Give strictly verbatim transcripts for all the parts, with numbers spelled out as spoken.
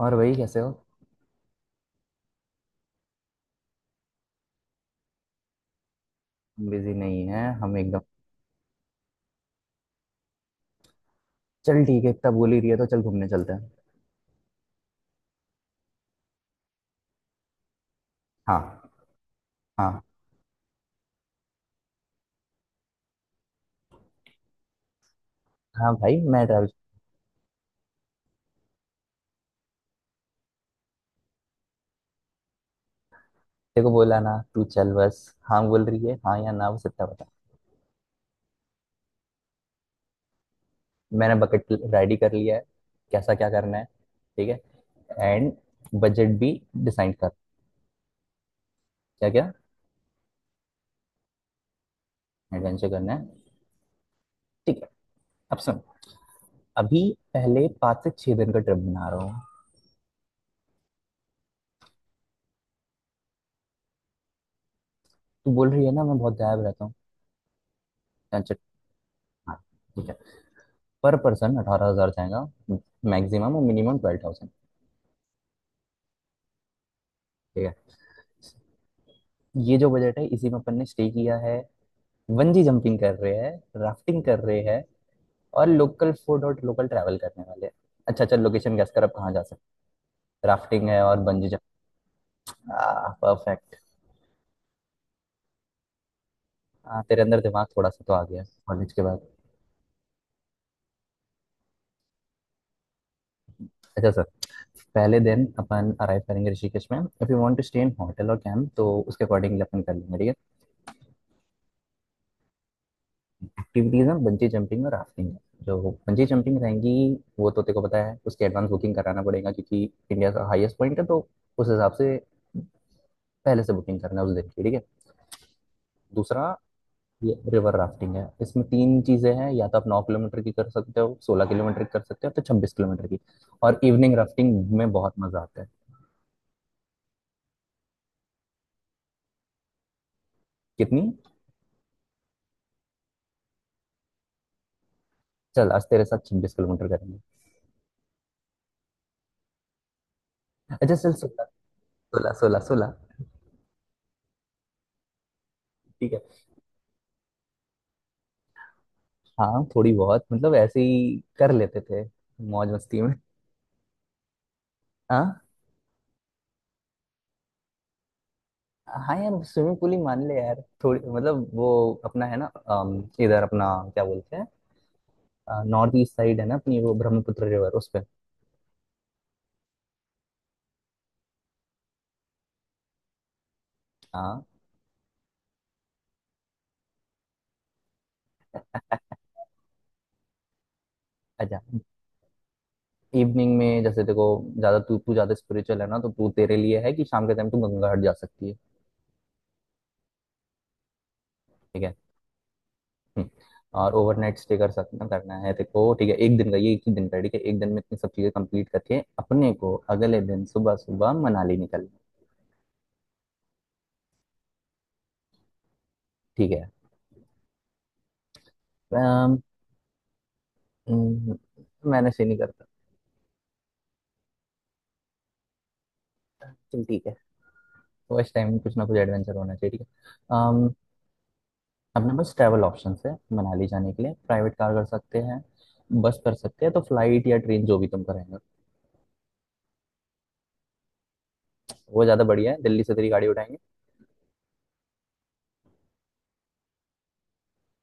और वही कैसे हो। बिजी नहीं है हम एकदम। चल ठीक है, इतना बोल ही रही है तो चल घूमने चलते हैं। हाँ। हाँ हाँ भाई मैं ट्रैवल। तेरे को बोला ना, तू चल बस। हाँ बोल रही है, हाँ या ना बस इतना बता। मैंने बकेट रेडी कर लिया है। कैसा क्या करना है, ठीक है। एंड बजट भी डिसाइड कर। क्या क्या। एडवेंचर करना है, ठीक है। अब सुन। अभी पहले पाँच से छह दिन का ट्रिप बना रहा हूँ। तू बोल रही है ना, मैं बहुत गायब रहता हूँ। टेंशन। हाँ, ठीक है। पर पर्सन अठारह हज़ार जाएगा मैक्सिमम और मिनिमम ट्वेल्व थाउज़ेंड। ठीक है। ये जो बजट है इसी में अपन ने स्टे किया है। बंजी जंपिंग कर रहे हैं। राफ्टिंग कर रहे हैं। और लोकल फूड और लोकल ट्रैवल करने वाले हैं। अच्छा, चल लोकेशन गैस कर अब कहाँ जा सकते। राफ्टिंग है और बंजी जंप। आ, परफेक्ट। हाँ, तेरे अंदर दिमाग थोड़ा सा तो आ गया कॉलेज के बाद। अच्छा सर, पहले दिन अपन अराइव करेंगे ऋषिकेश में। If you want to stay in hotel और कैंप तो उसके अकॉर्डिंगली अपन कर लेंगे, ठीक है। एक्टिविटीज हैं बंजी जंपिंग और राफ्टिंग। जो बंजी जंपिंग रहेंगी, वो तो तेरे को पता है उसके एडवांस बुकिंग कराना पड़ेगा क्योंकि इंडिया का हाईएस्ट पॉइंट है, तो उस हिसाब से पहले से बुकिंग करना है उस दिन की, ठीक है। दूसरा, ये रिवर राफ्टिंग है। इसमें तीन चीज़ें हैं, या तो आप नौ किलोमीटर की कर सकते हो, सोलह किलोमीटर की कर सकते हो, तो छब्बीस किलोमीटर की। और इवनिंग राफ्टिंग में बहुत मजा आता है। कितनी। चल आज तेरे साथ छब्बीस किलोमीटर करेंगे। अच्छा चल सोलह। सोलह सोलह सोलह। ठीक है। हाँ थोड़ी बहुत, मतलब ऐसे ही कर लेते थे मौज मस्ती में। हाँ। हाँ यार, स्विमिंग पूल ही मान ले यार। थोड़ी, मतलब वो अपना है ना, अम, इधर अपना क्या बोलते हैं, नॉर्थ ईस्ट साइड है ना अपनी वो, ब्रह्मपुत्र रिवर उस पे। हाँ। अच्छा। इवनिंग में जैसे देखो, ज्यादा तू तू ज्यादा स्पिरिचुअल है ना, तो तू, तेरे लिए है कि शाम के टाइम तू गंगा घाट जा सकती है। ठीक है। हम्म। और ओवरनाइट स्टे कर सकना करना है देखो, ठीक है। एक दिन का ये, एक ही दिन का है, ठीक है। एक दिन में इतनी सब चीजें कंप्लीट करके अपने को अगले दिन सुबह सुबह मनाली निकलना। ठीक है। अम, हम्म, मैंने से नहीं करता। चल ठीक है। तो इस टाइम में कुछ ना कुछ एडवेंचर होना चाहिए, ठीक है। अम, अपने पास ट्रैवल ऑप्शंस है। मनाली जाने के लिए प्राइवेट कार कर सकते हैं, बस कर सकते हैं तो, फ्लाइट या ट्रेन जो भी तुम करेंगे। वो ज़्यादा बढ़िया है, दिल्ली से तेरी गाड़ी उठाएंगे।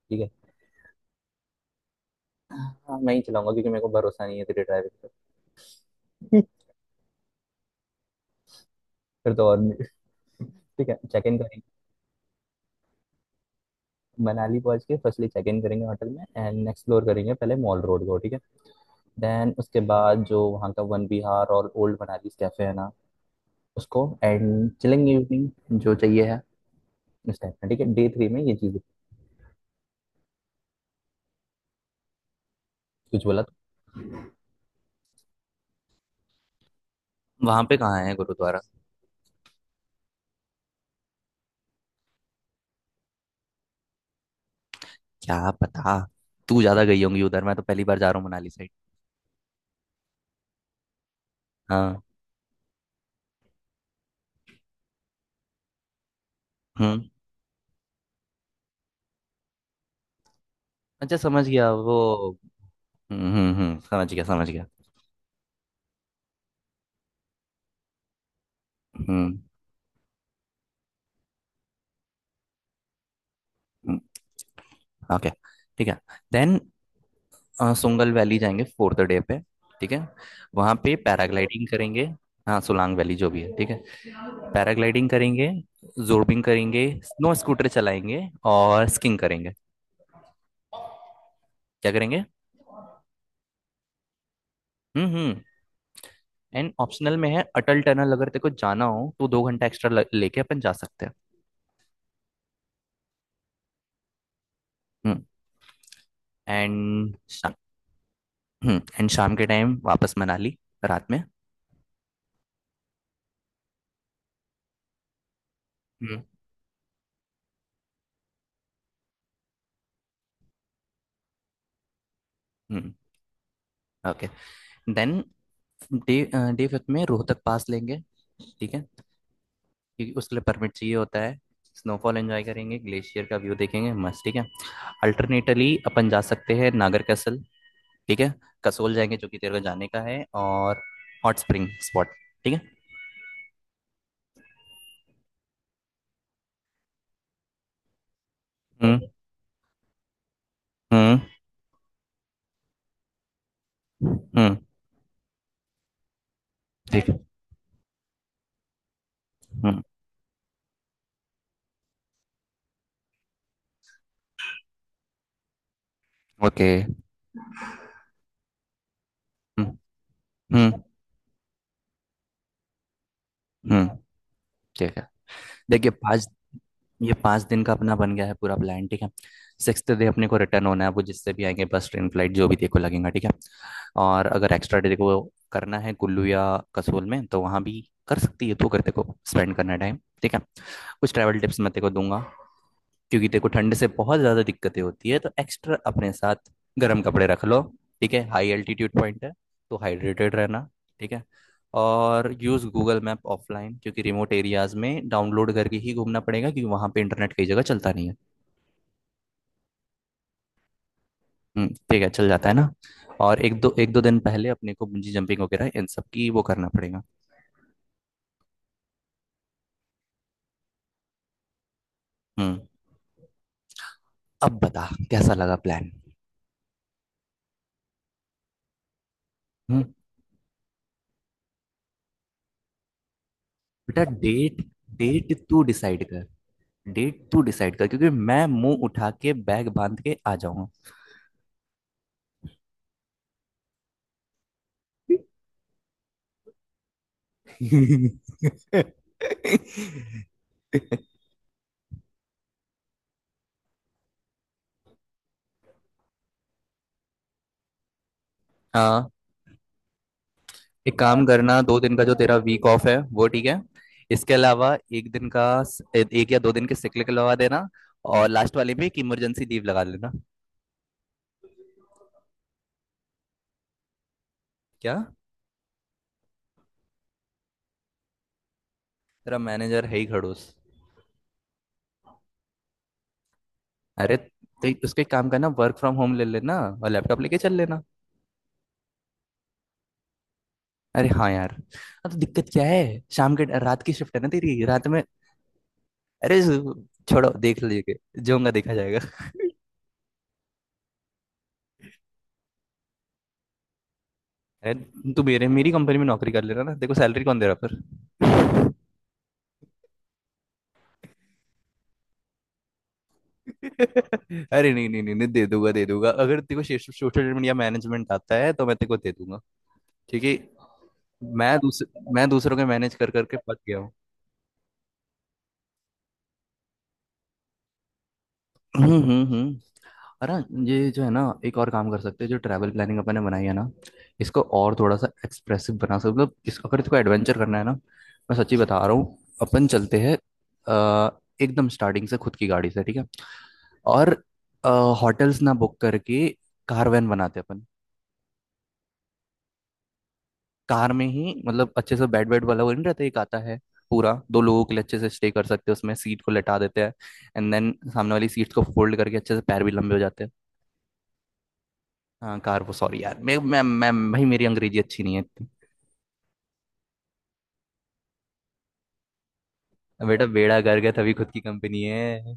ठीक है। हाँ, मैं ही चलाऊंगा क्योंकि मेरे को भरोसा नहीं है तेरे ड्राइविंग पर। फिर तो और नहीं। ठीक है, चेक इन करेंगे। मनाली पहुंच के फर्स्टली चेक इन करेंगे होटल में, एंड एक्सप्लोर करेंगे पहले मॉल रोड को, ठीक है। देन उसके बाद जो वहाँ का वन विहार और ओल्ड मनाली कैफे है ना, उसको। एंड चिलिंग इवनिंग जो चाहिए है इस टाइप का, ठीक है। डे थ्री में ये चीज। कुछ बोला तो। वहां पे कहाँ है गुरुद्वारा। क्या पता, तू ज्यादा गई होंगी उधर, मैं तो पहली बार जा रहा हूँ मनाली साइड। हाँ। हम्म। अच्छा, समझ गया वो। हम्म हम्म हम्म, समझ गया समझ गया। हम्म। ओके, ठीक है। देन सुंगल वैली जाएंगे फोर्थ डे पे, ठीक है। वहाँ पे पैराग्लाइडिंग करेंगे। हाँ सोलांग वैली जो भी है, ठीक है। पैराग्लाइडिंग करेंगे, जोर्बिंग करेंगे, स्नो स्कूटर चलाएंगे और स्कीइंग करेंगे। क्या करेंगे। हम्म हम्म। एंड ऑप्शनल में है अटल टनल, अगर तेरे को जाना हो तो दो घंटा एक्स्ट्रा ल- लेके अपन जा सकते हैं। एंड शाम। एंड शाम के टाइम वापस मनाली, रात में। हम्म। Okay. Then day day fifth में रोहतक पास लेंगे, ठीक है। क्योंकि उसके लिए परमिट चाहिए होता है। स्नोफॉल एंजॉय करेंगे, ग्लेशियर का व्यू देखेंगे मस्त, ठीक है। अल्टरनेटली अपन जा सकते हैं नागर कैसल, ठीक है। कसोल जाएंगे जो कि तेरे को जाने का है, और हॉट स्प्रिंग स्पॉट, ठीक है। हम्म हम्म हम्म। ठीक है। हम्म। ओके। हम्म हम्म हम्म, ठीक है। देखिए पाँच। ये पाँच दिन का अपना बन गया है पूरा प्लान, ठीक है। सिक्स्थ डे अपने को रिटर्न होना है, वो जिससे भी आएंगे बस ट्रेन फ्लाइट जो भी देखो लगेगा, ठीक है। और अगर एक्स्ट्रा डे को करना है कुल्लू या कसोल में तो वहाँ भी कर सकती है, तो कर देखो, स्पेंड करना है टाइम, ठीक है। कुछ ट्रैवल टिप्स मैं तेरे को दूंगा क्योंकि तेरे को ठंड से बहुत ज़्यादा दिक्कतें होती है, तो एक्स्ट्रा अपने साथ गर्म कपड़े रख लो, ठीक है। हाई एल्टीट्यूड पॉइंट है, तो हाइड्रेटेड रहना, ठीक है। और यूज़ गूगल मैप ऑफलाइन, क्योंकि रिमोट एरियाज में डाउनलोड करके ही घूमना पड़ेगा क्योंकि वहाँ पे इंटरनेट कई जगह चलता नहीं है। हम्म, ठीक है, चल जाता है ना। और एक दो एक दो दिन पहले अपने को बंजी जंपिंग वगैरह इन सब की वो करना पड़ेगा। हम्म। अब बता कैसा लगा प्लान। हम्म। बेटा डेट, डेट तू डिसाइड कर डेट तू डिसाइड कर, क्योंकि मैं मुंह उठा के बैग बांध के आ जाऊंगा। हाँ। एक काम करना, दो दिन का जो तेरा वीक ऑफ है वो, ठीक है। इसके अलावा एक दिन का, एक या दो दिन के सिक लगा देना, और लास्ट वाले में एक इमरजेंसी लीव लगा लेना। क्या। तेरा मैनेजर है ही खड़ूस। अरे तो उसको एक काम करना, वर्क फ्रॉम होम ले लेना और लैपटॉप लेके चल लेना। अरे हाँ यार, हाँ, तो दिक्कत क्या है। शाम के, रात की शिफ्ट है ना तेरी, रात में। अरे छोड़ो देख लीजिए, जो होगा देखा जाएगा। अरे तू मेरे मेरी कंपनी में नौकरी कर लेना ना, देखो सैलरी कौन दे रहा है, पर। अरे नहीं नहीं नहीं नहीं, दे दूंगा दे दूंगा। अगर तेरे को सोशल मीडिया मैनेजमेंट आता है तो मैं तेरे को दे दूंगा, क्योंकि मैं दूसर, मैं दूसरों के मैनेज कर करके पक गया हूँ। हम्म हम्म हम्म। अरे, ये जो है ना, एक और काम कर सकते हैं। जो ट्रैवल प्लानिंग अपन ने बनाई है ना, इसको और थोड़ा सा एक्सप्रेसिव बना सकते हैं। मतलब इस, अगर इसको एडवेंचर करना है ना, मैं सच्ची बता रहा हूँ, अपन चलते हैं अ, एकदम स्टार्टिंग से खुद की गाड़ी से, ठीक है। और होटल्स ना बुक करके कारवैन बनाते हैं अपन। कार में ही, मतलब अच्छे से, बेड बेड वाला वो नहीं रहता, एक आता है पूरा दो लोगों के लिए, अच्छे से स्टे कर सकते हैं उसमें। सीट को लटा देते हैं एंड देन सामने वाली सीट्स को फोल्ड करके अच्छे से पैर भी लंबे हो जाते हैं। हाँ कार वो, सॉरी यार, मैं मैं मैं भाई मेरी अंग्रेजी अच्छी नहीं है इतनी। बेटा बेड़ा गर्क है तभी खुद की कंपनी है।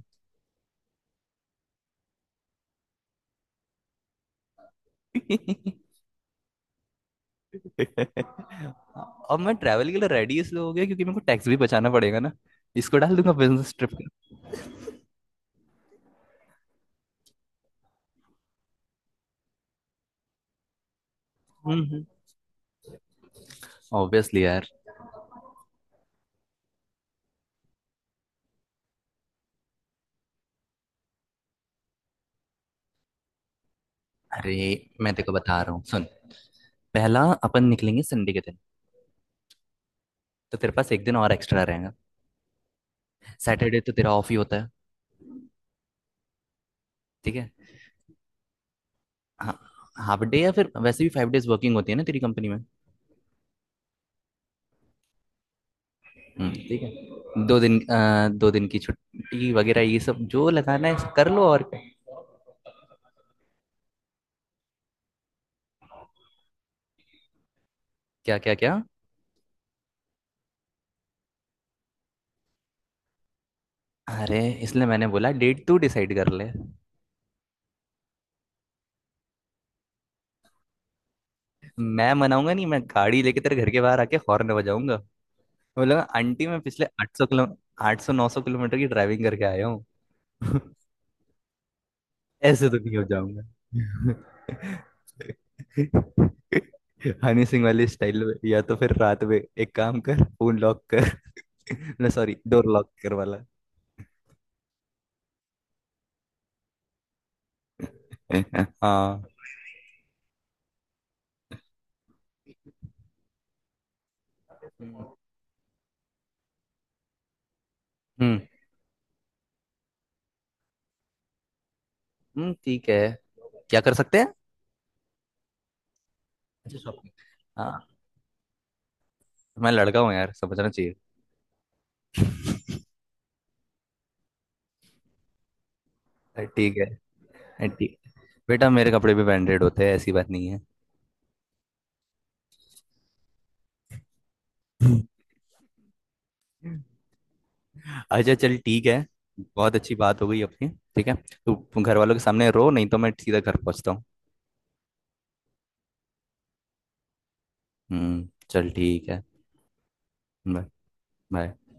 अब मैं ट्रैवल के लिए रेडी इसलिए हो गया, क्योंकि मेरे को टैक्स भी बचाना पड़ेगा ना, इसको डाल दूंगा बिजनेस ट्रिप का। हम्म। ऑब्वियसली यार। अरे मैं तेको बता रहा हूँ, सुन। पहला, अपन निकलेंगे संडे के दिन, तो तेरे पास एक दिन और एक्स्ट्रा रहेगा। सैटरडे तो तेरा ऑफ ही होता है। ठीक है। हाँ, हाफ डे या फिर वैसे भी फ़ाइव डेज़ वर्किंग होती है ना तेरी कंपनी में। हम्म, ठीक है, दो दिन, अ, दो दिन की छुट्टी वगैरह ये सब जो लगाना है कर लो और। क्या क्या क्या। अरे इसलिए मैंने बोला डेट तू डिसाइड कर ले। मैं मनाऊंगा नहीं, मैं गाड़ी लेके तेरे घर के बाहर आके हॉर्न बजाऊंगा। बोलेगा, आंटी मैं पिछले आठ सौ किलो, आठ सौ नौ सौ किलोमीटर की ड्राइविंग करके आया हूँ। ऐसे तो नहीं हो जाऊंगा। हनी सिंह वाली स्टाइल में, या तो फिर रात में एक काम कर, फोन लॉक कर। ना सॉरी, डोर लॉक कर वाला। हाँ। हम्म। हम्म, ठीक है। क्या कर सकते हैं। अच्छा शॉपिंग। हाँ, मैं लड़का हूँ यार, समझना चाहिए। अ, ठीक है। अ, ठीक। बेटा मेरे कपड़े भी ब्रांडेड होते हैं, ऐसी बात नहीं है। अच्छा चल ठीक है। बहुत अच्छी बात हो गई अपनी, ठीक है। तू घर वालों के सामने रो, नहीं तो मैं सीधा घर पहुंचता हूँ। हम्म चल ठीक है। बाय। बाय।